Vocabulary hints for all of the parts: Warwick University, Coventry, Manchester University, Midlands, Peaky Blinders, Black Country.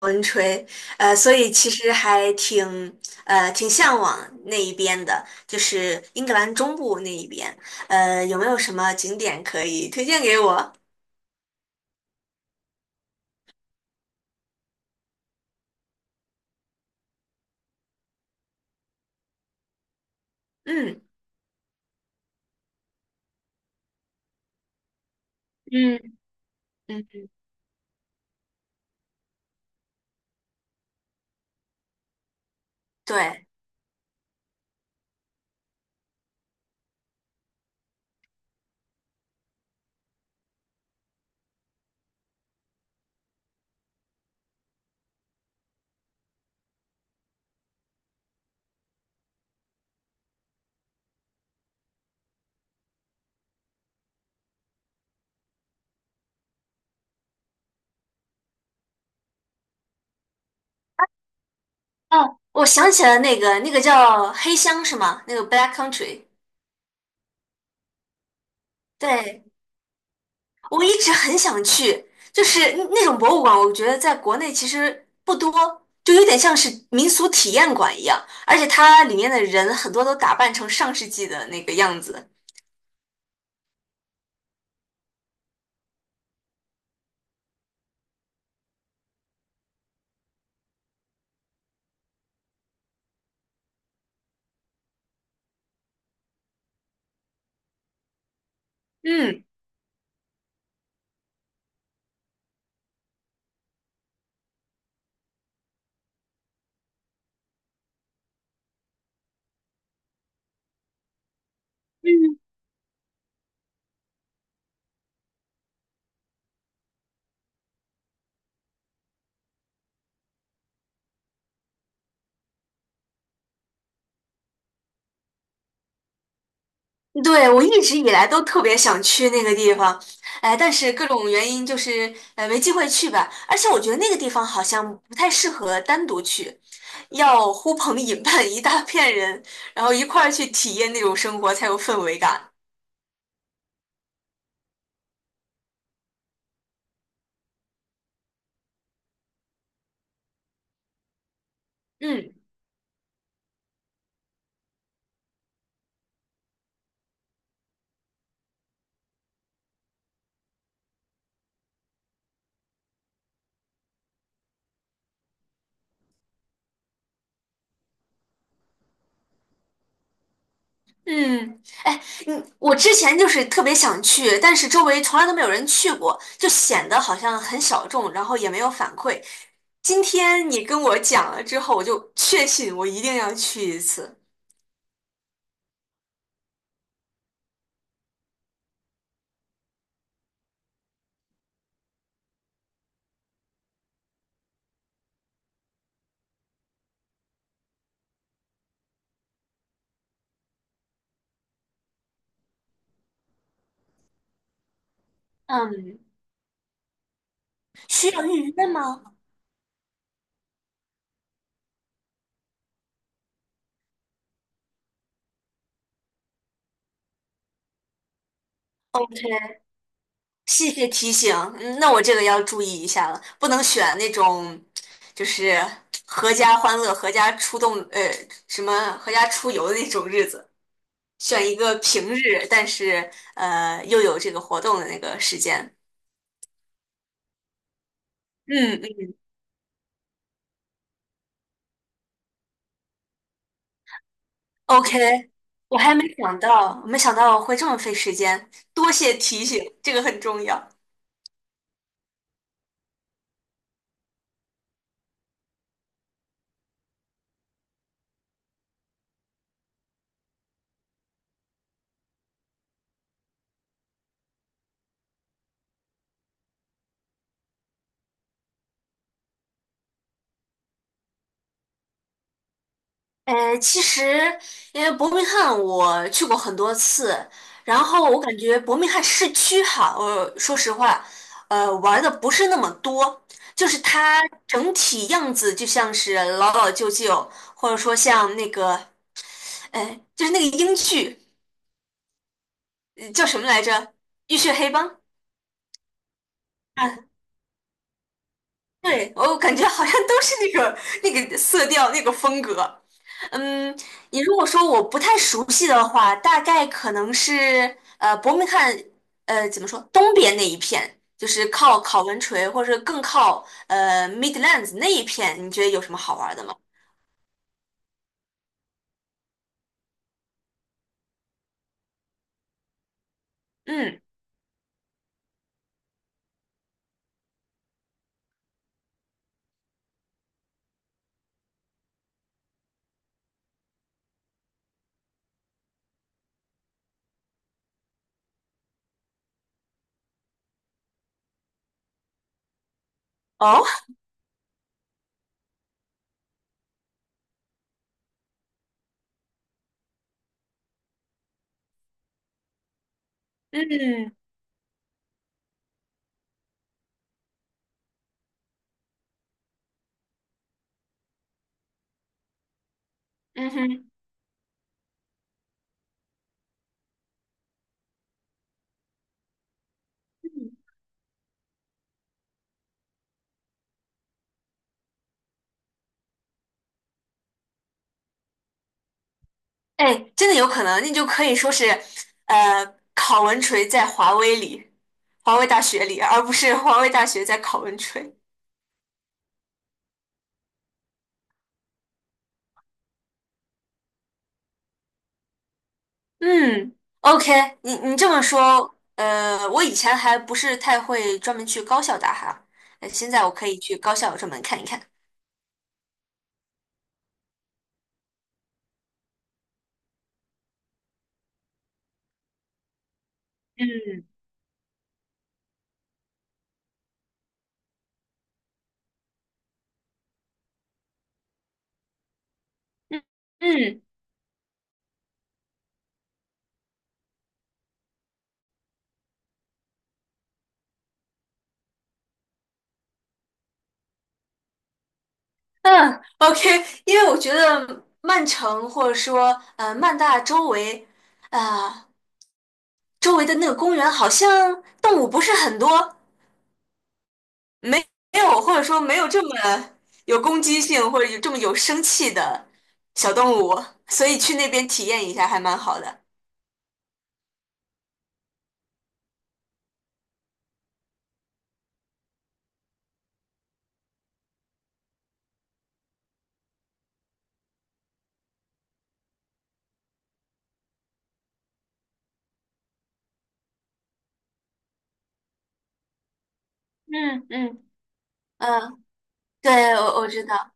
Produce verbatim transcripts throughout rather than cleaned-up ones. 文吹，呃，所以其实还挺，呃，挺向往那一边的，就是英格兰中部那一边，呃，有没有什么景点可以推荐给我？嗯，嗯嗯，对，哦，我想起了那个，那个叫黑乡是吗？那个 Black Country,对，我一直很想去，就是那那种博物馆，我觉得在国内其实不多，就有点像是民俗体验馆一样，而且它里面的人很多都打扮成上世纪的那个样子。嗯，嗯，对，我一直以来都特别想去那个地方，哎，但是各种原因就是呃没机会去吧。而且我觉得那个地方好像不太适合单独去，要呼朋引伴一大片人，然后一块儿去体验那种生活才有氛围感。嗯。嗯，哎，嗯，我之前就是特别想去，但是周围从来都没有人去过，就显得好像很小众，然后也没有反馈。今天你跟我讲了之后，我就确信我一定要去一次。嗯，需要预约吗？OK,谢谢提醒，嗯，那我这个要注意一下了，不能选那种就是合家欢乐、合家出动，呃，什么合家出游的那种日子。选一个平日，但是呃又有这个活动的那个时间。嗯嗯，OK,我还没想到，没想到会这么费时间，多谢提醒，这个很重要。呃，其实因为伯明翰我去过很多次，然后我感觉伯明翰市区哈，我说实话，呃，玩的不是那么多，就是它整体样子就像是老老旧旧，或者说像那个，呃，就是那个英剧。呃叫什么来着？浴血黑帮啊，对，我感觉好像都是那个那个色调那个风格。嗯，你如果说我不太熟悉的话，大概可能是呃伯明翰呃怎么说东边那一片，就是靠考文垂或者是更靠呃 Midlands 那一片，你觉得有什么好玩的吗？嗯，哦，嗯嗯哼。哎，真的有可能，那就可以说是，呃，考文垂在华威里，华威大学里，而不是华威大学在考文垂。嗯，OK,你你这么说，呃，我以前还不是太会专门去高校打哈，呃现在我可以去高校专门看一看。嗯嗯嗯嗯，OK,因为我觉得曼城或者说呃曼大周围，啊、周围的那个公园好像动物不是很多，没没有，或者说没有这么有攻击性，或者有这么有生气的小动物，所以去那边体验一下还蛮好的。嗯嗯，嗯，对，我我知道，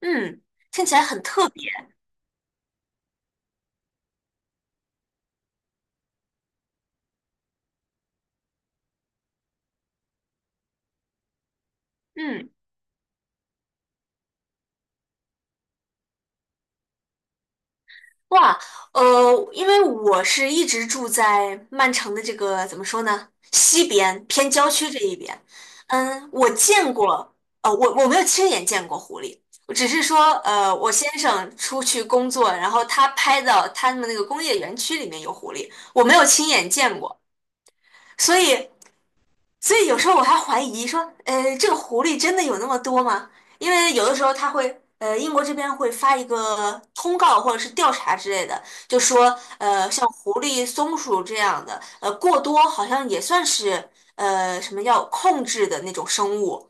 嗯，听起来很特别，嗯。哇，呃，因为我是一直住在曼城的这个怎么说呢，西边偏郊区这一边。嗯，我见过，呃，我我没有亲眼见过狐狸，我只是说，呃，我先生出去工作，然后他拍到他们那个工业园区里面有狐狸，我没有亲眼见过，所以所以有时候我还怀疑说，呃，这个狐狸真的有那么多吗？因为有的时候它会，呃，英国这边会发一个通告或者是调查之类的，就说，呃，像狐狸、松鼠这样的，呃，过多好像也算是，呃，什么要控制的那种生物。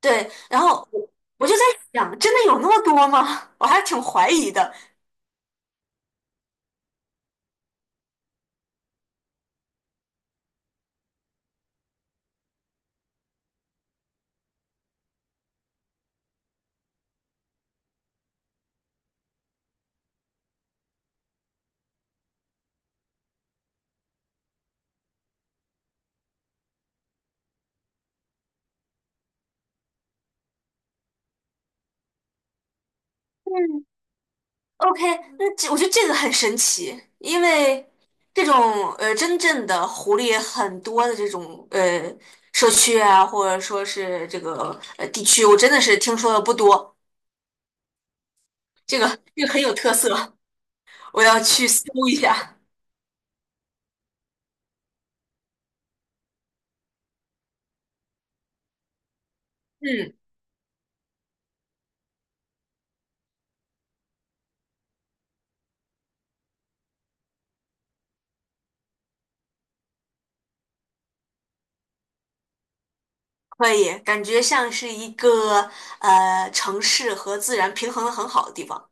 对，然后我我就在想，真的有那么多吗？我还挺怀疑的。嗯。OK,那这我觉得这个很神奇，因为这种呃真正的狐狸很多的这种呃社区啊，或者说是这个呃地区，我真的是听说的不多。这个这个很有特色，我要去搜一下。嗯，可以，感觉像是一个呃城市和自然平衡的很好的地方。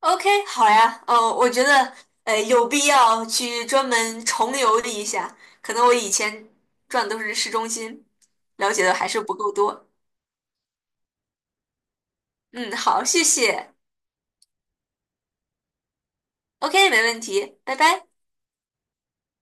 OK,好呀，呃，我觉得呃有必要去专门重游一下，可能我以前转的都是市中心，了解的还是不够多。嗯，好，谢谢。OK,没问题，拜拜。